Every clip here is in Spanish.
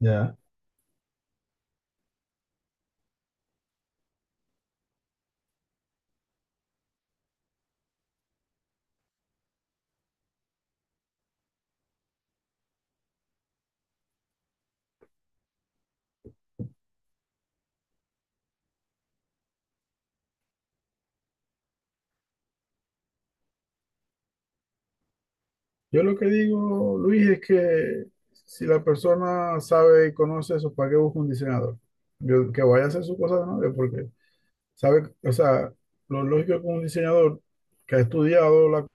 Ya. Yo lo que digo, Luis, es que si la persona sabe y conoce eso, ¿para qué busca un diseñador? Que vaya a hacer su cosa de novio, porque sabe, o sea, lo lógico es que un diseñador que ha estudiado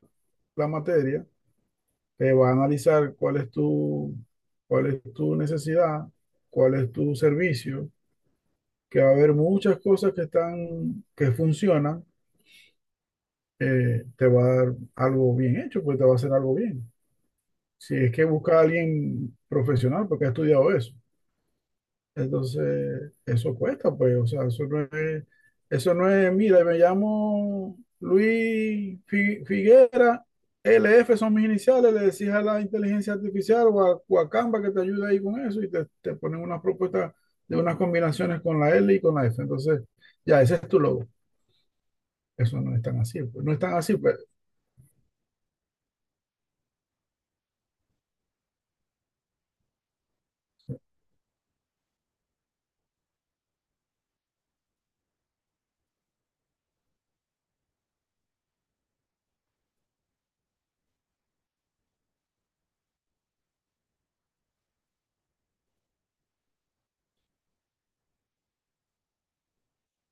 la materia, te va a analizar cuál es cuál es tu necesidad, cuál es tu servicio, que va a haber muchas cosas que están, que funcionan, te va a dar algo bien hecho, pues te va a hacer algo bien. Si es que busca a alguien profesional porque ha estudiado eso. Entonces, eso cuesta, pues, o sea, eso no es, mira, me llamo Luis Figuera, L F son mis iniciales, le decís a la inteligencia artificial o o a Canva que te ayude ahí con eso y te ponen unas propuestas de unas combinaciones con la L y con la F. Entonces, ya, ese es tu logo. Eso no es tan así, pues, no es tan así, pues,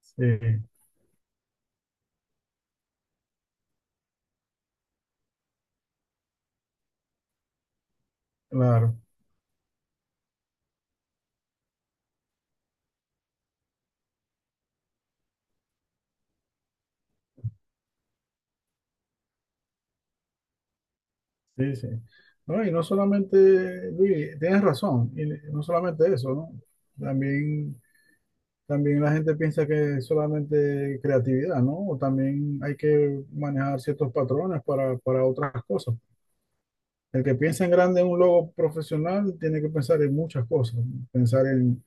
sí, claro. Sí, sí. No, y no solamente, Luis, tienes razón, y no solamente eso, ¿no? También, también la gente piensa que es solamente creatividad, ¿no? O también hay que manejar ciertos patrones para otras cosas. El que piensa en grande en un logo profesional tiene que pensar en muchas cosas, ¿no? Pensar en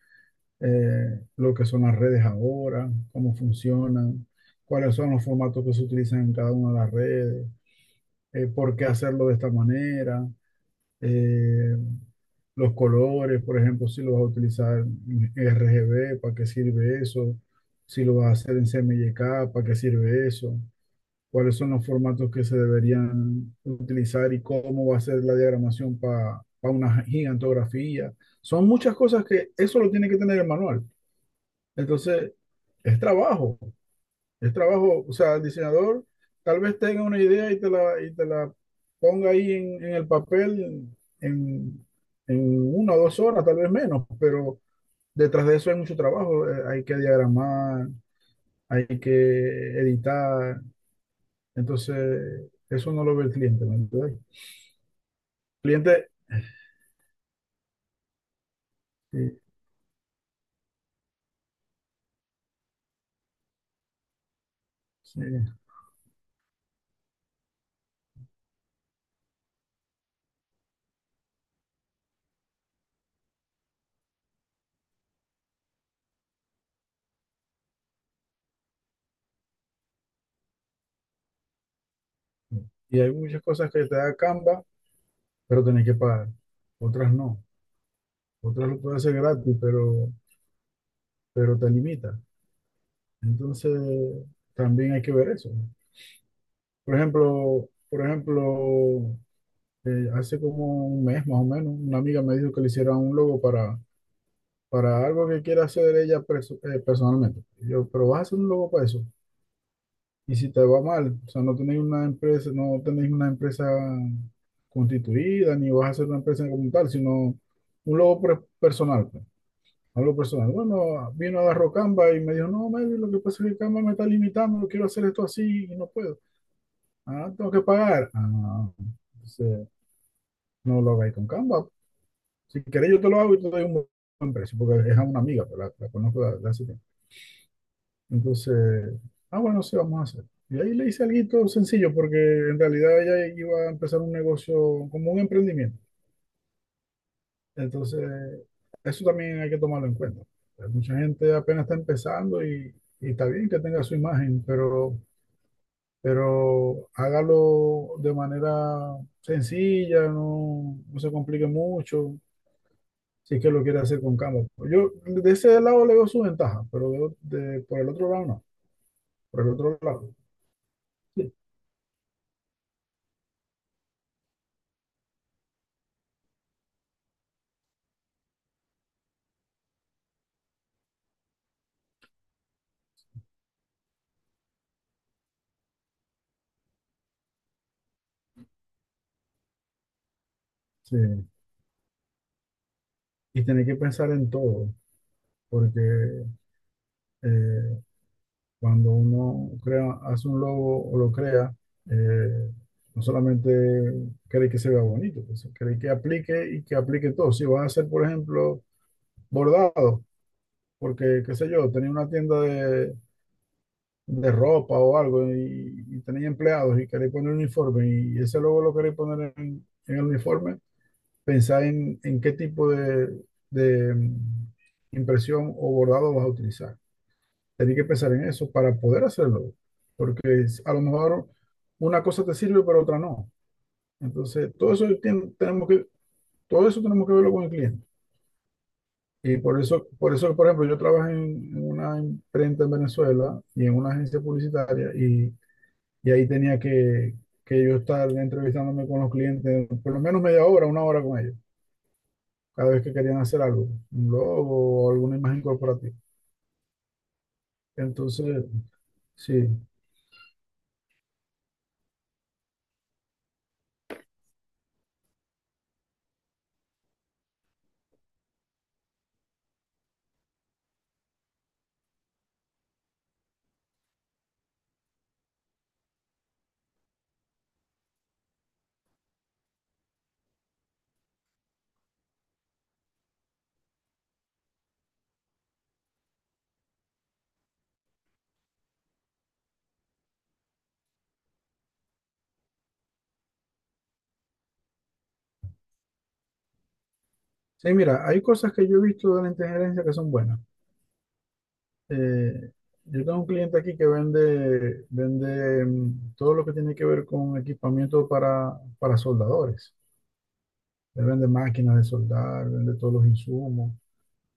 lo que son las redes ahora, cómo funcionan, cuáles son los formatos que se utilizan en cada una de las redes, por qué hacerlo de esta manera. Eh, los colores, por ejemplo, si lo vas a utilizar en RGB, ¿para qué sirve eso? Si lo vas a hacer en CMYK, ¿para qué sirve eso? ¿Cuáles son los formatos que se deberían utilizar y cómo va a ser la diagramación para una gigantografía? Son muchas cosas que eso lo tiene que tener el manual. Entonces, es trabajo. El trabajo, o sea, el diseñador tal vez tenga una idea y y te la ponga ahí en el papel en, en una o dos horas, tal vez menos, pero detrás de eso hay mucho trabajo. Hay que diagramar, hay que editar. Entonces, eso no lo ve el cliente, ¿me entiendes? Cliente, eh, sí. Y hay muchas cosas que te da Canva, pero tenés que pagar. Otras no. Otras lo puedes hacer gratis, pero te limita. Entonces, también hay que ver eso. Por ejemplo, hace como un mes más o menos, una amiga me dijo que le hiciera un logo para algo que quiera hacer ella personalmente. Y yo, pero vas a hacer un logo para eso. Y si te va mal, o sea, no tenéis una empresa, no tenéis una empresa constituida, ni vas a hacer una empresa como tal, sino un logo personal, pues, algo personal. Bueno, vino, agarró Canva y me dijo, no, Melvin, lo que pasa es que Canva me está limitando, quiero hacer esto así y no puedo. Ah, tengo que pagar. Ah, entonces, no lo hagáis con Canva. Si queréis, yo te lo hago y te doy un buen precio, porque es a una amiga, pero la conozco de hace tiempo. Entonces, ah, bueno, sí, vamos a hacer. Y ahí le hice algo sencillo, porque en realidad ella iba a empezar un negocio como un emprendimiento. Entonces, eso también hay que tomarlo en cuenta. Hay mucha gente apenas está empezando y está bien que tenga su imagen, pero hágalo de manera sencilla, no, no se complique mucho. Si es que lo quiere hacer con Campbell. Yo de ese lado le veo su ventaja, pero por el otro lado no. Por el otro lado, sí. Sí. Y tener que pensar en todo, porque eh, cuando uno crea, hace un logo o lo crea, eh, no solamente cree que se vea bonito, pues, cree que aplique y que aplique todo. Si vas a hacer, por ejemplo, bordado, porque, qué sé yo, tenía una tienda de ropa o algo y tenéis empleados y queréis poner un uniforme y ese logo lo queréis poner en el uniforme, pensáis en qué tipo de impresión o bordado vas a utilizar. Tenéis que pensar en eso para poder hacerlo, porque a lo mejor una cosa te sirve pero otra no. Entonces, tenemos que, todo eso tenemos que verlo con el cliente. Y por eso, por eso, por ejemplo, yo trabajé en una imprenta en Venezuela y en una agencia publicitaria y ahí que yo estar entrevistándome con los clientes por lo menos media hora, una hora con ellos, cada vez que querían hacer algo, un logo o alguna imagen corporativa. Entonces, sí. Sí, mira, hay cosas que yo he visto de la inteligencia que son buenas. Eh, yo tengo un cliente aquí que vende todo lo que tiene que ver con equipamiento para soldadores. Él vende máquinas de soldar, vende todos los insumos.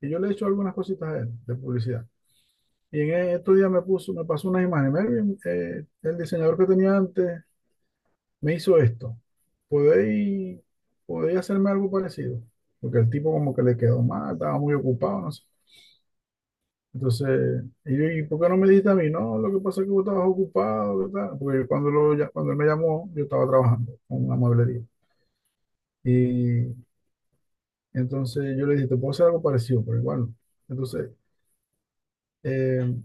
Y yo le he hecho algunas cositas a él de publicidad. Y en estos días me pasó unas imágenes. Melvin, el diseñador que tenía antes me hizo esto. ¿Podéis, ¿Podéis hacerme algo parecido? Porque el tipo como que le quedó mal, estaba muy ocupado, no sé. Entonces, y yo, ¿y por qué no me dijiste a mí? No, lo que pasa es que vos estabas ocupado, ¿verdad? Porque cuando él me llamó, yo estaba trabajando con una mueblería. Y entonces yo le dije, te puedo hacer algo parecido, pero igual no. Entonces, Eh,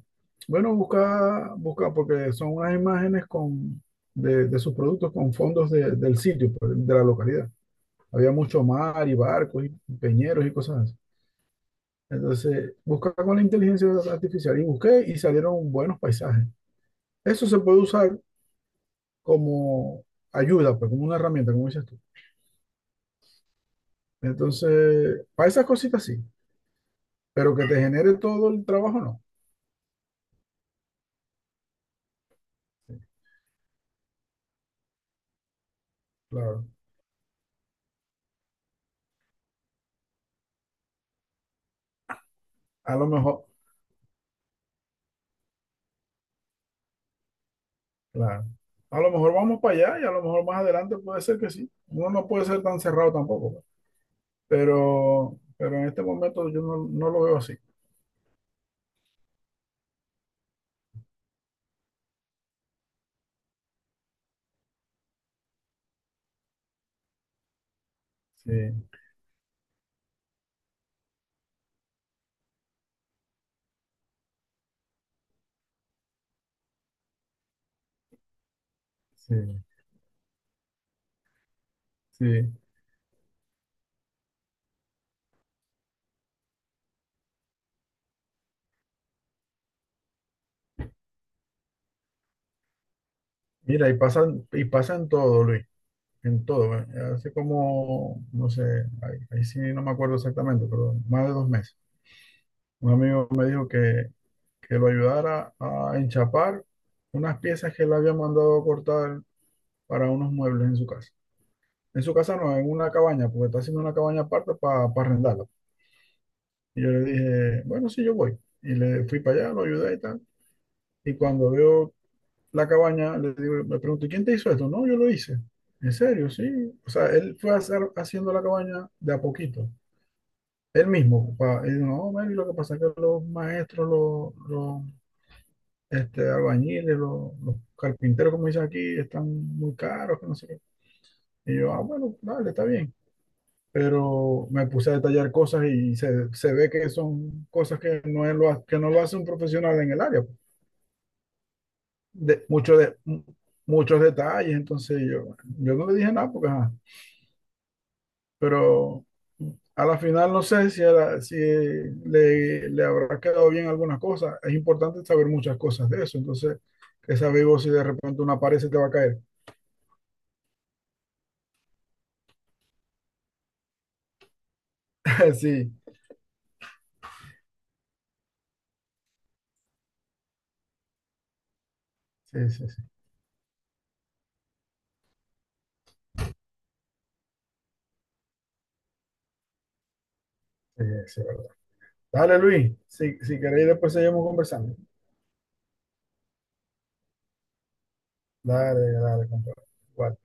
bueno, busca, busca, porque son unas imágenes con, de sus productos con fondos del sitio, pues, de la localidad. Había mucho mar y barcos y peñeros y cosas así. Entonces, busca con la inteligencia artificial y busqué y salieron buenos paisajes. Eso se puede usar como ayuda, pues, como una herramienta, como dices tú. Entonces, para esas cositas sí, pero que te genere todo el trabajo, no. Sí, claro. A lo mejor, claro. A lo mejor vamos para allá y a lo mejor más adelante puede ser que sí. Uno no puede ser tan cerrado tampoco, pues. Pero en este momento yo no, no lo veo así. Sí, sí, sí. Mira, y pasan, y pasa en todo, Luis, en todo. ¿Eh? Hace como, no sé, ahí, ahí sí no me acuerdo exactamente, pero más de dos meses. Un amigo me dijo que lo ayudara a enchapar unas piezas que él había mandado a cortar para unos muebles en su casa. En su casa no, en una cabaña, porque está haciendo una cabaña aparte para arrendarla. Y yo le dije, bueno, sí, yo voy. Y le fui para allá, lo ayudé y tal. Y cuando veo la cabaña, le digo, me pregunto, ¿y quién te hizo esto? No, yo lo hice. ¿En serio? Sí. O sea, él fue a haciendo la cabaña de a poquito. Él mismo. Pa, y digo, no, man, y lo que pasa es que los maestros, los este, albañiles, los carpinteros, como dicen aquí, están muy caros, que no sé qué. Y yo, ah, bueno, dale, está bien. Pero me puse a detallar cosas y se ve que son cosas que no, que no lo hace un profesional en el área. De, mucho de, muchos detalles, entonces yo no le dije nada porque, ajá, pero a la final no sé si, si le, le habrá quedado bien algunas cosas. Es importante saber muchas cosas de eso, entonces, que sabes vos si de repente una pared se te va a caer. Sí, sí, sí, sí. Sí, sí, verdad. Dale, Luis, si, si queréis después seguimos conversando. Dale, dale, compadre. Igual.